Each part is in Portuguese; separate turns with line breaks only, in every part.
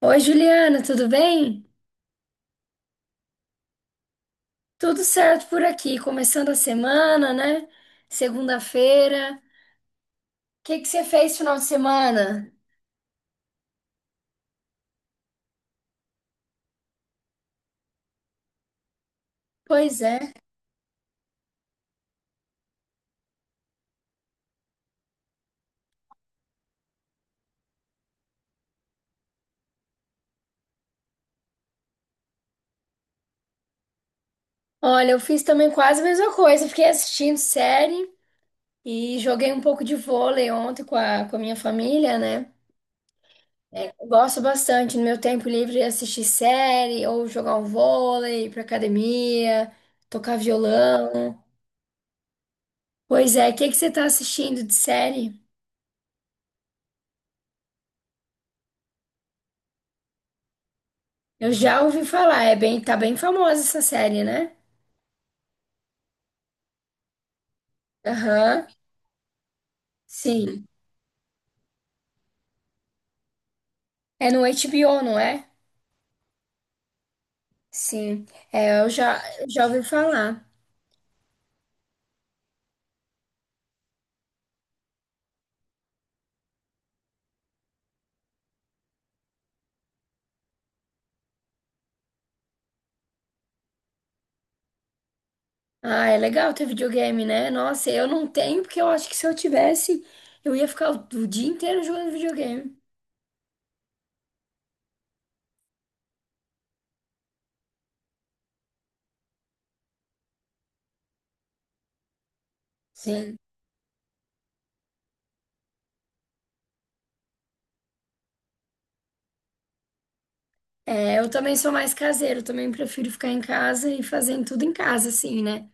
Oi, Juliana, tudo bem? Tudo certo por aqui, começando a semana, né? Segunda-feira. O que que você fez final de semana? Pois é. Olha, eu fiz também quase a mesma coisa. Fiquei assistindo série e joguei um pouco de vôlei ontem com a minha família, né? Gosto bastante no meu tempo livre de assistir série ou jogar um vôlei, ir pra academia, tocar violão. Pois é, o que que você tá assistindo de série? Eu já ouvi falar, tá bem famosa essa série, né? Aham, sim. É no HBO, não é? Sim. É, eu já ouvi falar. Ah, é legal ter videogame, né? Nossa, eu não tenho, porque eu acho que se eu tivesse, eu ia ficar o dia inteiro jogando videogame. Sim. É, eu também sou mais caseiro, também prefiro ficar em casa e fazendo tudo em casa, assim, né?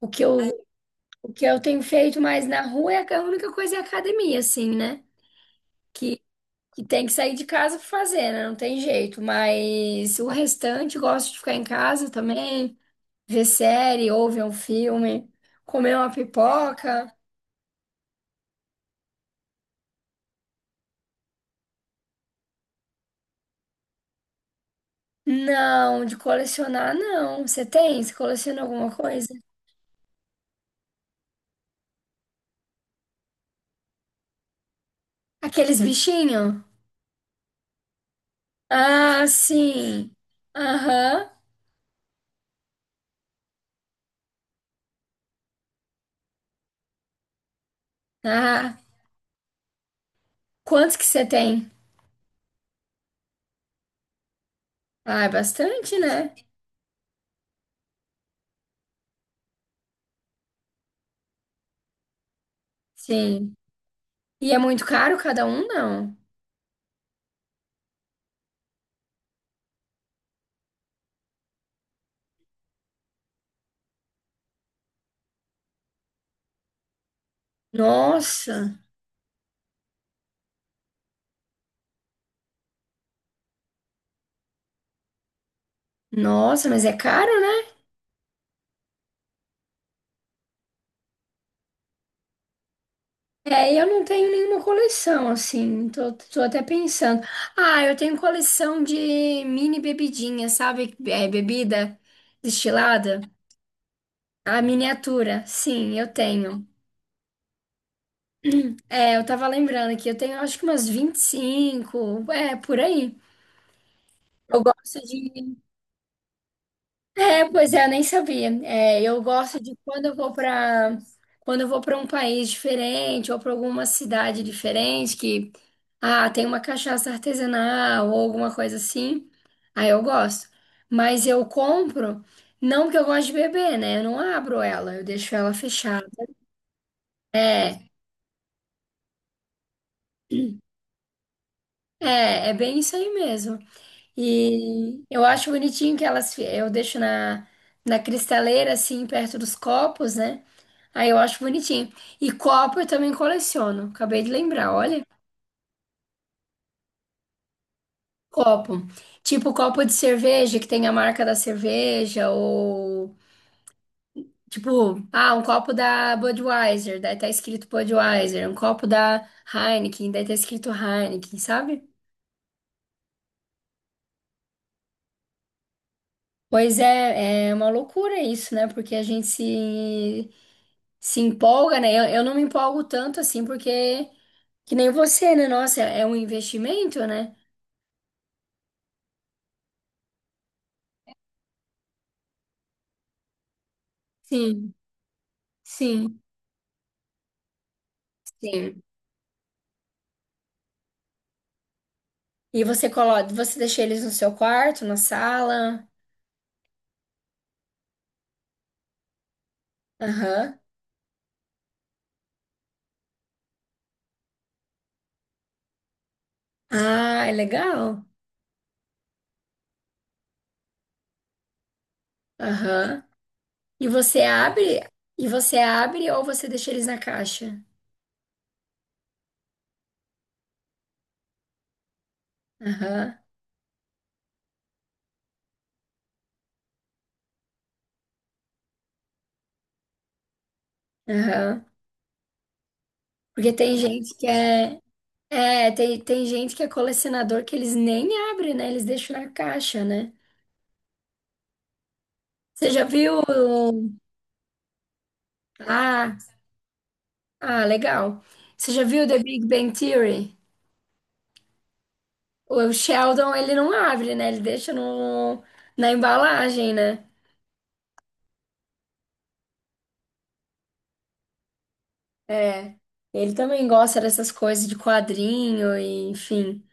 O que eu, o que eu tenho feito mais na rua é a única coisa é a academia, assim, né? Que que tem que sair de casa pra fazer, né? Não tem jeito. Mas o restante, gosto de ficar em casa também, ver série, ou ver um filme, comer uma pipoca. Não, de colecionar, não. Você tem? Você coleciona alguma coisa? Aqueles bichinhos? Ah, sim. Aham. Ah, quantos que você tem? Ah, é bastante, né? Sim. E é muito caro cada um, não? Nossa, nossa, mas é caro, né? É, eu não tenho nenhuma coleção, assim, tô até pensando. Ah, eu tenho coleção de mini bebidinha, sabe? É, bebida destilada. A miniatura, sim, eu tenho. É, eu tava lembrando aqui, eu tenho acho que umas 25. É, por aí. Eu gosto de. É, pois é, eu nem sabia. É, eu gosto de quando eu vou para quando eu vou para um país diferente ou para alguma cidade diferente que ah, tem uma cachaça artesanal ou alguma coisa assim. Aí eu gosto. Mas eu compro não porque eu gosto de beber, né? Eu não abro ela, eu deixo ela fechada. É, é bem isso aí mesmo. E eu acho bonitinho que eu deixo na, na cristaleira, assim, perto dos copos, né? Aí eu acho bonitinho. E copo eu também coleciono. Acabei de lembrar, olha. Copo. Tipo copo de cerveja, que tem a marca da cerveja, ou tipo, ah, um copo da Budweiser, daí tá escrito Budweiser, um copo da Heineken, daí tá escrito Heineken, sabe? Pois é, é uma loucura isso, né? Porque a gente se empolga, né? Eu não me empolgo tanto assim, porque que nem você, né? Nossa, é um investimento, né? Sim, sim. Sim. E você coloca, você deixa eles no seu quarto, na sala? Aham. Ah, é legal. Aham. E você abre, e você abre ou você deixa eles na caixa? Aham. Aham. Porque tem gente que é, é, tem gente que é colecionador que eles nem abrem, né? Eles deixam na caixa, né? Você já viu? Ah, Ah, legal. Você já viu The Big Bang Theory? O Sheldon, ele não abre, né? Ele deixa no, na embalagem, né? É. Ele também gosta dessas coisas de quadrinho e enfim.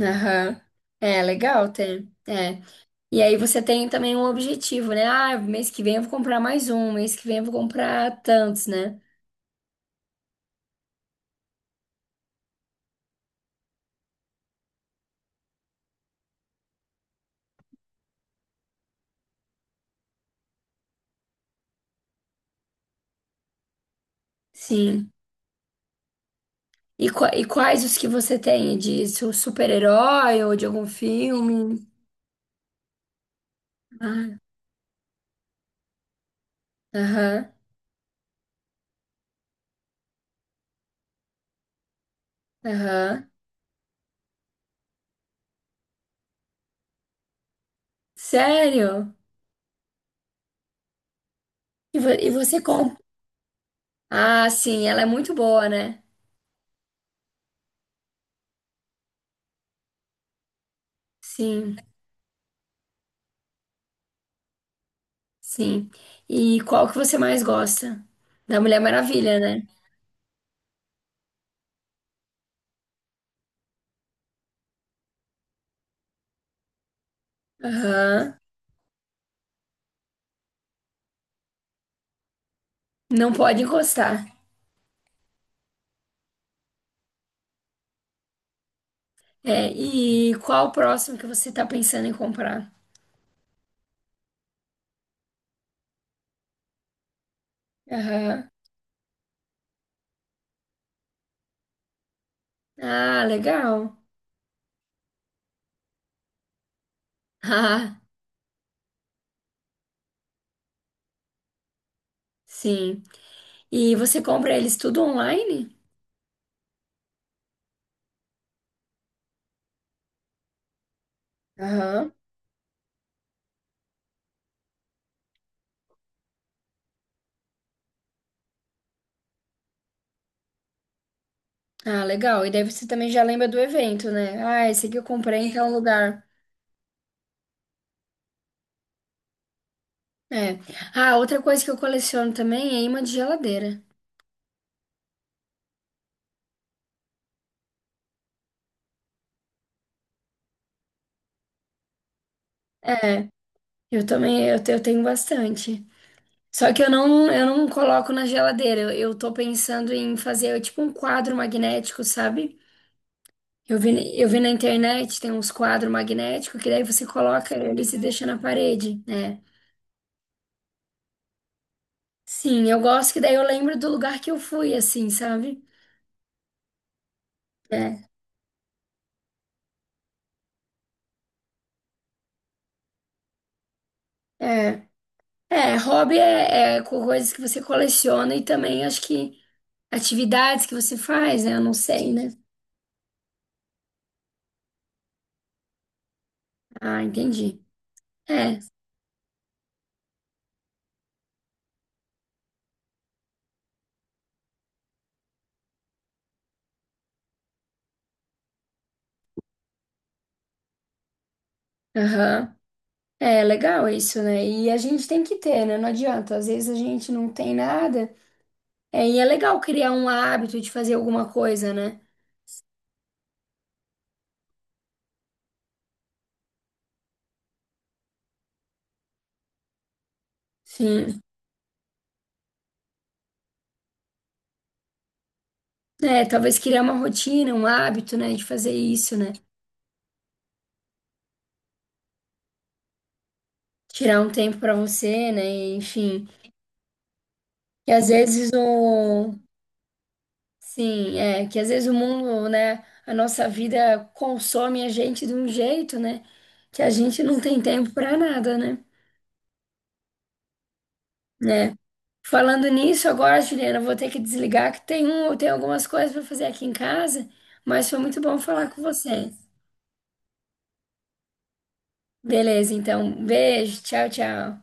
Aham. É, legal ter. É. E aí você tem também um objetivo, né? Ah, mês que vem eu vou comprar mais um, mês que vem eu vou comprar tantos, né? Sim. E, e quais os que você tem? De super-herói ou de algum filme? Ah, Aham, aham. Sério? E, e você compra? Ah, sim, ela é muito boa, né? Sim, sim. E qual que você mais gosta? Da Mulher Maravilha, né? Aham. Não pode encostar. É, e qual o próximo que você tá pensando em comprar? Aham. Ah, legal. Ah, sim. E você compra eles tudo online? Aham. Ah, legal. E daí você também já lembra do evento, né? Ah, esse aqui eu comprei em tal lugar. É. Ah, outra coisa que eu coleciono também é imã de geladeira. É, eu também, eu tenho bastante. Só que eu não coloco na geladeira. Eu tô pensando em fazer é tipo um quadro magnético, sabe? Eu vi na internet, tem uns quadros magnéticos que daí você coloca eles e deixa na parede, né? Sim, eu gosto que daí eu lembro do lugar que eu fui, assim, sabe? É, é. É, é coisas que você coleciona e também acho que atividades que você faz, né? Eu não sei, né? Ah, entendi. É, aham. É legal isso, né? E a gente tem que ter, né? Não adianta. Às vezes a gente não tem nada. É, e é legal criar um hábito de fazer alguma coisa, né? Sim. É, talvez criar uma rotina, um hábito, né? De fazer isso, né? Tirar um tempo pra você, né? Enfim. E às vezes o sim, é que às vezes o mundo, né, a nossa vida consome a gente de um jeito, né, que a gente não tem tempo para nada, né? Né? Falando nisso, agora, Juliana, eu vou ter que desligar que tem um, tem algumas coisas para fazer aqui em casa, mas foi muito bom falar com você. Beleza, então, beijo, tchau, tchau.